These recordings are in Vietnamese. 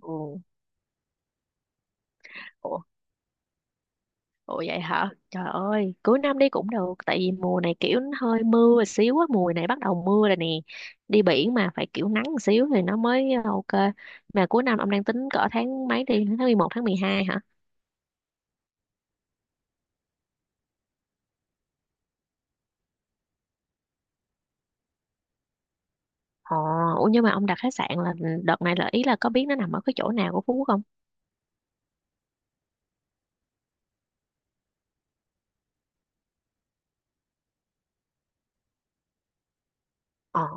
Ồ, ủa, ủa, vậy hả? Trời ơi, cuối năm đi cũng được. Tại vì mùa này kiểu nó hơi mưa một xíu á. Mùa này bắt đầu mưa rồi nè. Đi biển mà phải kiểu nắng một xíu thì nó mới ok. Mà cuối năm ông đang tính cỡ tháng mấy đi? Tháng 11, tháng 12 hả? Ồ, ủa nhưng mà ông đặt khách sạn là đợt này là ý là có biết nó nằm ở cái chỗ nào của Phú Quốc không? Ờ,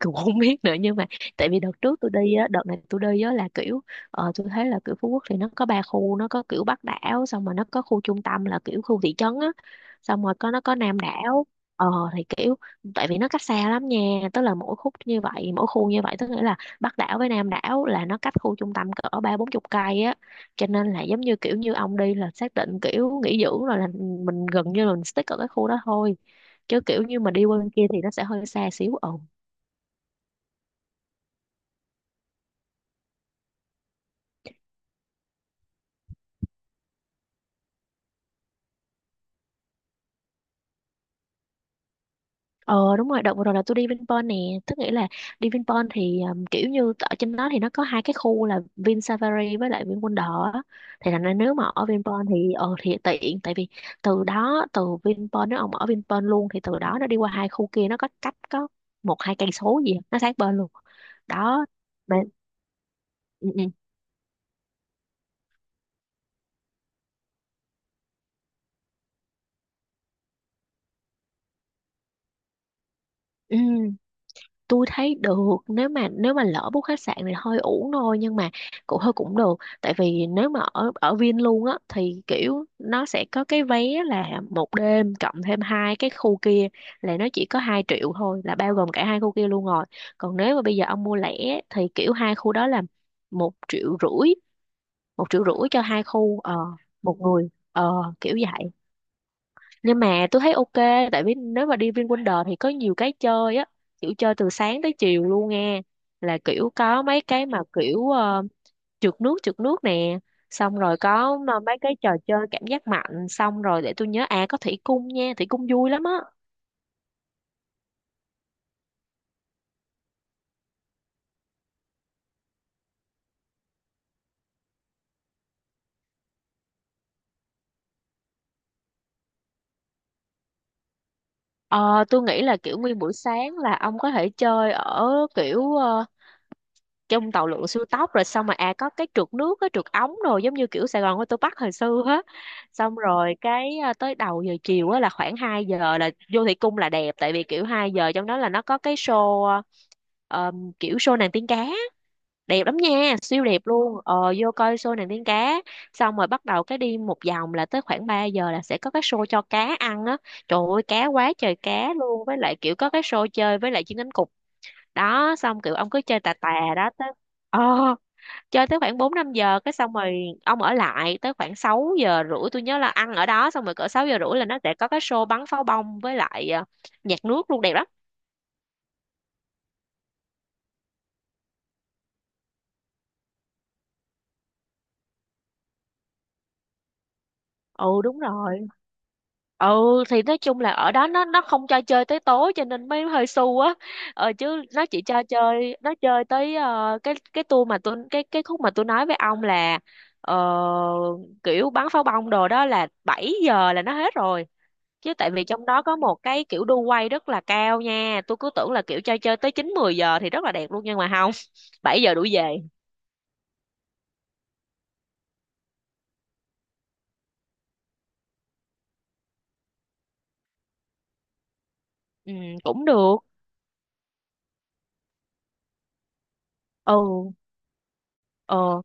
cũng không biết nữa, nhưng mà tại vì đợt trước tôi đi á, đợt này tôi đi á là kiểu tôi thấy là kiểu Phú Quốc thì nó có ba khu, nó có kiểu Bắc đảo, xong rồi nó có khu trung tâm là kiểu khu thị trấn á, xong rồi có nó có Nam đảo. Ờ thì kiểu, tại vì nó cách xa lắm nha, tức là mỗi khúc như vậy, mỗi khu như vậy, tức nghĩa là Bắc đảo với Nam đảo là nó cách khu trung tâm cỡ ba bốn chục cây á, cho nên là giống như kiểu như ông đi là xác định kiểu nghỉ dưỡng rồi, là mình gần như là mình stick ở cái khu đó thôi, chứ kiểu như mà đi qua bên kia thì nó sẽ hơi xa xíu. Ừ. Ờ đúng rồi, đợt vừa rồi là tôi đi Vinpearl nè, tức nghĩa là đi Vinpearl thì kiểu như ở trên đó thì nó có hai cái khu là Vin Safari với lại Vin Wonder á. Thì thành ra nếu mà ở Vinpearl thì ờ thì tiện, tại vì từ đó, từ Vinpearl, nếu ông ở Vinpearl luôn thì từ đó nó đi qua hai khu kia, nó có cách có một hai cây số gì á, nó sát bên luôn. Đó. Mà, ừ, ừ. Ừ, tôi thấy được. Nếu mà lỡ book khách sạn thì hơi uổng thôi, nhưng mà cũng hơi cũng được, tại vì nếu mà ở ở Vin luôn á thì kiểu nó sẽ có cái vé là một đêm cộng thêm hai cái khu kia, là nó chỉ có 2 triệu thôi, là bao gồm cả hai khu kia luôn rồi. Còn nếu mà bây giờ ông mua lẻ thì kiểu hai khu đó là một triệu rưỡi, cho hai khu ờ, một người ờ, kiểu vậy. Nhưng mà tôi thấy ok, tại vì nếu mà đi VinWonder thì có nhiều cái chơi á, kiểu chơi từ sáng tới chiều luôn nghe, là kiểu có mấy cái mà kiểu trượt nước, nè, xong rồi có mà mấy cái trò chơi cảm giác mạnh, xong rồi để tôi nhớ, à có thủy cung nha, thủy cung vui lắm á. Ờ, tôi nghĩ là kiểu nguyên buổi sáng là ông có thể chơi ở kiểu trong tàu lượn siêu tốc rồi xong, mà à có cái trượt nước, cái trượt ống, rồi giống như kiểu Sài Gòn của tôi Bắc hồi xưa á. Xong rồi cái à, tới đầu giờ chiều á là khoảng 2 giờ là vô thị cung là đẹp, tại vì kiểu 2 giờ trong đó là nó có cái show ờ, kiểu show nàng tiên cá, đẹp lắm nha, siêu đẹp luôn. Ờ, vô coi show nàng tiên cá xong rồi bắt đầu cái đi một vòng là tới khoảng 3 giờ là sẽ có cái show cho cá ăn á, trời ơi cá quá trời cá luôn, với lại kiểu có cái show chơi với lại chiên cánh cụt. Đó, xong kiểu ông cứ chơi tà tà. Đó tới ờ, chơi tới khoảng bốn năm giờ, cái xong rồi ông ở lại tới khoảng sáu giờ rưỡi, tôi nhớ là ăn ở đó, xong rồi cỡ sáu giờ rưỡi là nó sẽ có cái show bắn pháo bông với lại nhạc nước luôn, đẹp lắm. Ừ đúng rồi, ừ thì nói chung là ở đó nó không cho chơi tới tối cho nên mới hơi xu á. Ờ chứ nó chỉ cho chơi, nó chơi tới cái tour mà tôi cái khúc mà tôi nói với ông là ờ, kiểu bắn pháo bông đồ đó là 7 giờ là nó hết rồi. Chứ tại vì trong đó có một cái kiểu đu quay rất là cao nha, tôi cứ tưởng là kiểu chơi chơi tới chín mười giờ thì rất là đẹp luôn, nhưng mà không. Bảy giờ đuổi về. Ừ, cũng được. Ừ. Ờ.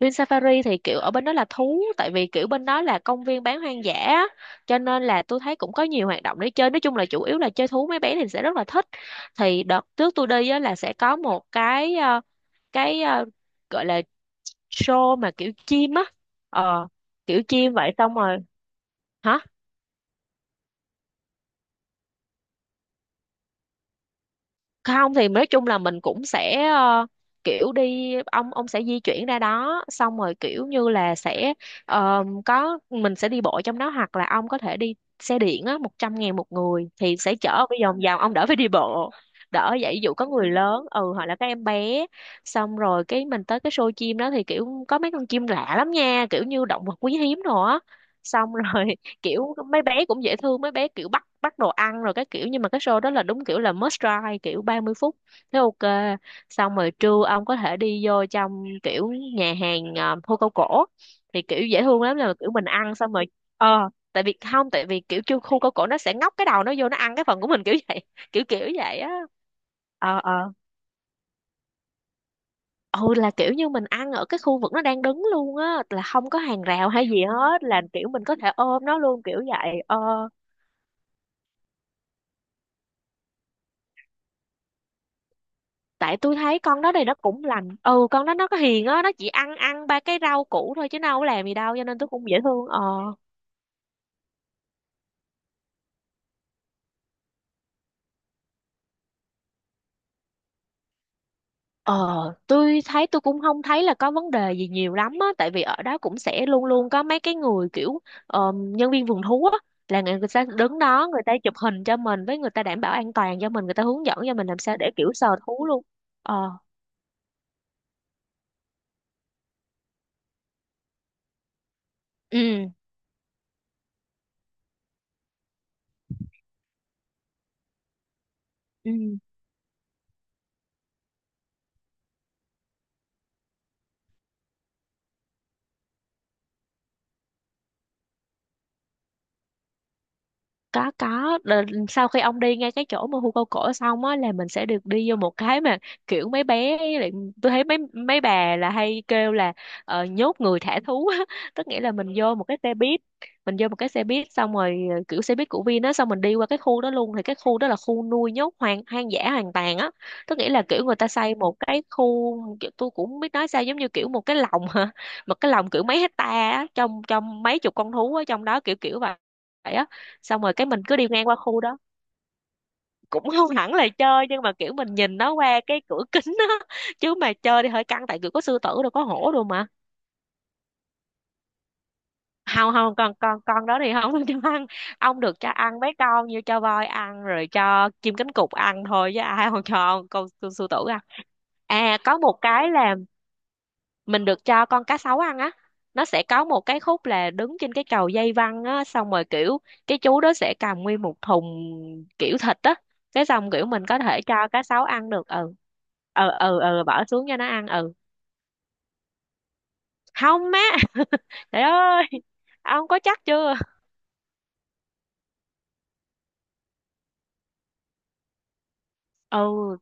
Vin Safari thì kiểu ở bên đó là thú, tại vì kiểu bên đó là công viên bán hoang dã á, cho nên là tôi thấy cũng có nhiều hoạt động để chơi, nói chung là chủ yếu là chơi thú, mấy bé thì sẽ rất là thích. Thì đợt trước tôi đi á, là sẽ có một cái cái gọi là show mà kiểu chim á. Ờ, kiểu chim vậy xong rồi. Hả? Không thì nói chung là mình cũng sẽ kiểu đi, ông sẽ di chuyển ra đó, xong rồi kiểu như là sẽ có, mình sẽ đi bộ trong đó, hoặc là ông có thể đi xe điện á, 100 ngàn một người thì sẽ chở bây vòng vòng, ông đỡ phải đi bộ, đỡ vậy, ví dụ có người lớn ừ, hoặc là các em bé. Xong rồi cái mình tới cái show chim đó thì kiểu có mấy con chim lạ lắm nha, kiểu như động vật quý hiếm rồi á. Xong rồi kiểu mấy bé cũng dễ thương, mấy bé kiểu bắt bắt đồ ăn rồi cái kiểu, nhưng mà cái show đó là đúng kiểu là must try, kiểu 30 phút thế ok. Xong rồi trưa ông có thể đi vô trong kiểu nhà hàng, à, hô câu cổ, thì kiểu dễ thương lắm, là kiểu mình ăn xong rồi ờ, tại vì không, tại vì kiểu chưa khu câu cổ nó sẽ ngóc cái đầu nó vô nó ăn cái phần của mình kiểu vậy, kiểu kiểu vậy á. Ờ ờ, ừ là kiểu như mình ăn ở cái khu vực nó đang đứng luôn á, là không có hàng rào hay gì hết, là kiểu mình có thể ôm nó luôn kiểu vậy ờ. Tại tôi thấy con đó này nó cũng lành, ừ, con đó nó có hiền á, nó chỉ ăn ăn ba cái rau củ thôi chứ nó không có làm gì đâu, cho nên tôi cũng dễ thương ờ. Ờ tôi thấy tôi cũng không thấy là có vấn đề gì nhiều lắm á, tại vì ở đó cũng sẽ luôn luôn có mấy cái người kiểu nhân viên vườn thú á, là người, người ta đứng đó, người ta chụp hình cho mình với, người ta đảm bảo an toàn cho mình, người ta hướng dẫn cho mình làm sao để kiểu sờ thú luôn. Ờ, ừ ừ, có có. Đờ- sau khi ông đi ngay cái chỗ mà hươu câu cổ xong á, là mình sẽ được đi vô một cái mà kiểu mấy bé lại, tôi thấy mấy mấy bà là hay kêu là nhốt người thả thú á. Tức nghĩa là mình vô một cái xe buýt, xong rồi kiểu xe buýt của Vin á, xong mình đi qua cái khu đó luôn, thì cái khu đó là khu nuôi nhốt hoang hoang dã hoàn toàn á. Tức nghĩa là kiểu người ta xây một cái khu kiểu, tôi cũng không biết nói sao, giống như kiểu một cái lồng hả, một cái lồng kiểu mấy hecta á, trong trong mấy chục con thú ở trong đó, kiểu kiểu vậy. Xong rồi cái mình cứ đi ngang qua khu đó, cũng không hẳn là chơi, nhưng mà kiểu mình nhìn nó qua cái cửa kính đó, chứ mà chơi thì hơi căng, tại kiểu có sư tử đâu, có hổ đâu mà. Không không, con đó thì không được cho ăn. Ông được cho ăn mấy con như cho voi ăn rồi cho chim cánh cụt ăn thôi, chứ ai không cho con, sư tử ăn. À, có một cái là mình được cho con cá sấu ăn á, nó sẽ có một cái khúc là đứng trên cái cầu dây văng á, xong rồi kiểu cái chú đó sẽ cầm nguyên một thùng kiểu thịt á, cái xong kiểu mình có thể cho cá sấu ăn được. Ừ, ừ, ừ, ừ, bỏ xuống cho nó ăn ừ. Không má. Trời ơi, ông có chắc chưa. Ừ.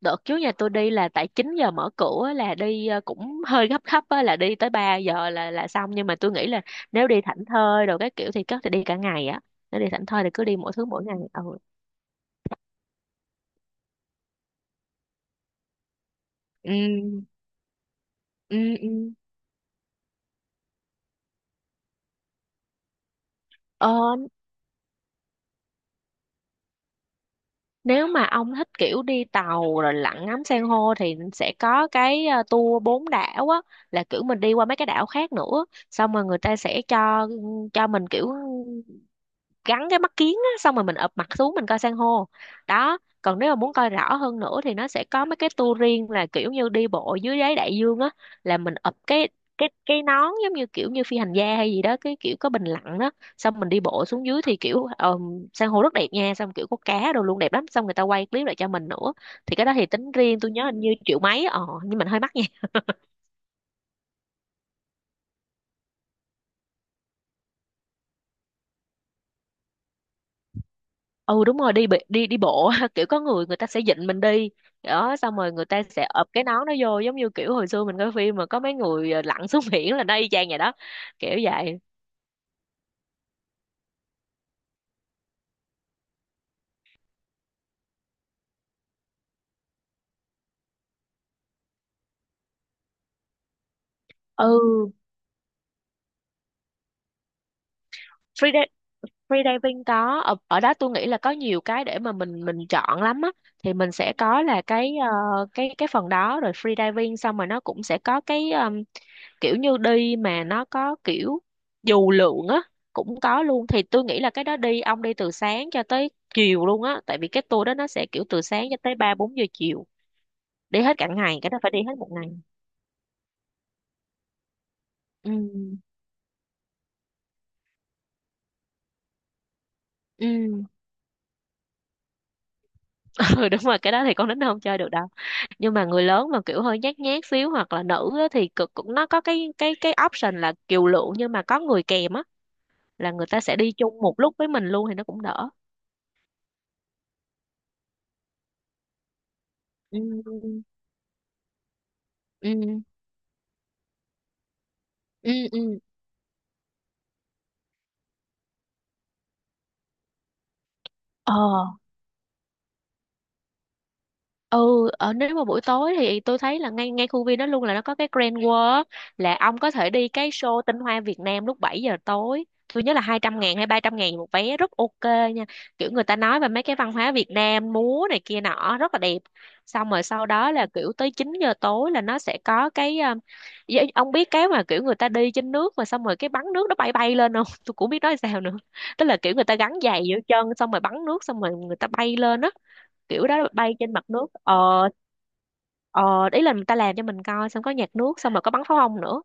Đợt trước nhà tôi đi là tại chín giờ mở cửa á, là đi cũng hơi gấp gấp á, là đi tới 3 giờ là xong, nhưng mà tôi nghĩ là nếu đi Thảnh thơi rồi cái kiểu thì chắc thì đi cả ngày á. Nếu đi thảnh thơi thì cứ đi mỗi thứ mỗi ngày. Ừ, ừ, ừ, ừ, ờ, nếu mà ông thích kiểu đi tàu rồi lặn ngắm san hô thì sẽ có cái tour bốn đảo á, là kiểu mình đi qua mấy cái đảo khác nữa, xong rồi người ta sẽ cho mình kiểu gắn cái mắt kiếng á, xong rồi mình ụp mặt xuống mình coi san hô đó. Còn nếu mà muốn coi rõ hơn nữa thì nó sẽ có mấy cái tour riêng là kiểu như đi bộ dưới đáy đại dương á, là mình ụp cái nón giống như kiểu như phi hành gia hay gì đó, cái kiểu có bình lặng đó. Xong mình đi bộ xuống dưới thì kiểu san hô rất đẹp nha, xong kiểu có cá đồ luôn, đẹp lắm, xong người ta quay clip lại cho mình nữa. Thì cái đó thì tính riêng, tôi nhớ hình như triệu mấy, ờ nhưng mình hơi mắc nha. Ừ đúng rồi, đi đi bộ kiểu có người người ta sẽ dịnh mình đi đó, xong rồi người ta sẽ ập cái nón nó vô, giống như kiểu hồi xưa mình coi phim mà có mấy người lặn xuống biển, là nó y chang vậy đó, kiểu vậy. Ừ, free dive- free diving có ở đó tôi nghĩ là có nhiều cái để mà mình chọn lắm á. Thì mình sẽ có là cái cái phần đó, rồi free diving, xong rồi nó cũng sẽ có cái kiểu như đi mà nó có kiểu dù lượn á, cũng có luôn. Thì tôi nghĩ là cái đó đi, ông đi từ sáng cho tới chiều luôn á, tại vì cái tour đó nó sẽ kiểu từ sáng cho tới ba bốn giờ chiều, đi hết cả ngày, cái đó phải đi hết một ngày. Ừ, ừ. Ừ đúng rồi, cái đó thì con nít nó không chơi được đâu, nhưng mà người lớn mà kiểu hơi nhát nhát xíu hoặc là nữ á, thì cực cũng nó có cái option là kiều lượng nhưng mà có người kèm á, là người ta sẽ đi chung một lúc với mình luôn thì nó cũng đỡ. Ừ, ừ, ừ, ừ, ừ. Ờ, ừ, ở nếu mà buổi tối thì tôi thấy là ngay ngay khu viên đó luôn là nó có cái Grand World, là ông có thể đi cái show tinh hoa Việt Nam lúc 7 giờ tối. Tôi nhớ là 200 ngàn hay 300 ngàn một vé, rất ok nha, kiểu người ta nói về mấy cái văn hóa Việt Nam, múa này kia nọ rất là đẹp. Xong rồi sau đó là kiểu tới 9 giờ tối là nó sẽ có cái ờ, dạ, ông biết cái mà kiểu người ta đi trên nước mà xong rồi cái bắn nước nó bay bay lên không, tôi cũng biết nói sao nữa, tức là kiểu người ta gắn giày giữa chân xong rồi bắn nước, xong rồi người ta bay lên á, kiểu đó bay trên mặt nước. Ờ, ờ, ý là người ta làm cho mình coi, xong có nhạc nước, xong rồi có bắn pháo hông nữa.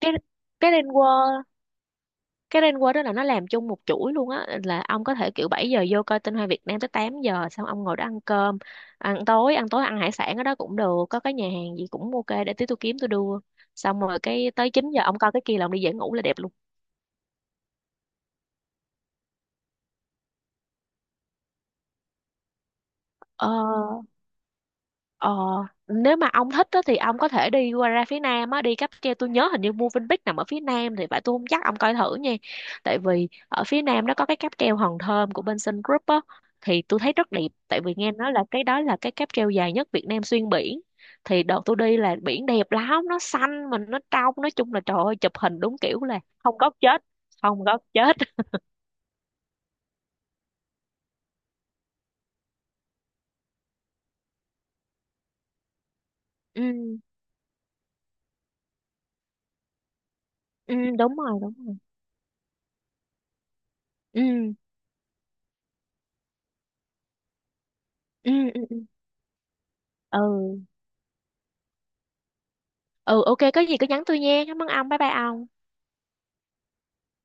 Cái cái Rainbow cái Rainbow đó là nó làm chung một chuỗi luôn á, là ông có thể kiểu 7 giờ vô coi tinh hoa Việt Nam tới 8 giờ, xong ông ngồi đó ăn cơm, ăn tối ăn hải sản ở đó cũng được, có cái nhà hàng gì cũng ok, để tí tôi kiếm tôi đưa. Xong rồi cái tới 9 giờ ông coi cái kia là ông đi về ngủ là đẹp luôn. Ờ, ờ, nếu mà ông thích á, thì ông có thể đi qua ra phía Nam á, đi cáp treo, tôi nhớ hình như Movenpick nằm ở phía Nam thì phải, tôi không chắc, ông coi thử nha. Tại vì ở phía Nam nó có cái cáp treo Hòn Thơm của bên Sun Group á, thì tôi thấy rất đẹp, tại vì nghe nói là cái đó là cái cáp treo dài nhất Việt Nam xuyên biển. Thì đợt tôi đi là biển đẹp lắm, nó xanh mà nó trong, nói chung là trời ơi, chụp hình đúng kiểu là không góc chết, không góc chết. Ừ, ừ đúng rồi đúng rồi. Ừ, ừ, ừ, ừ, ừ, ừ ok, có gì cứ nhắn tôi nha, cảm ơn ông, bye bye ông.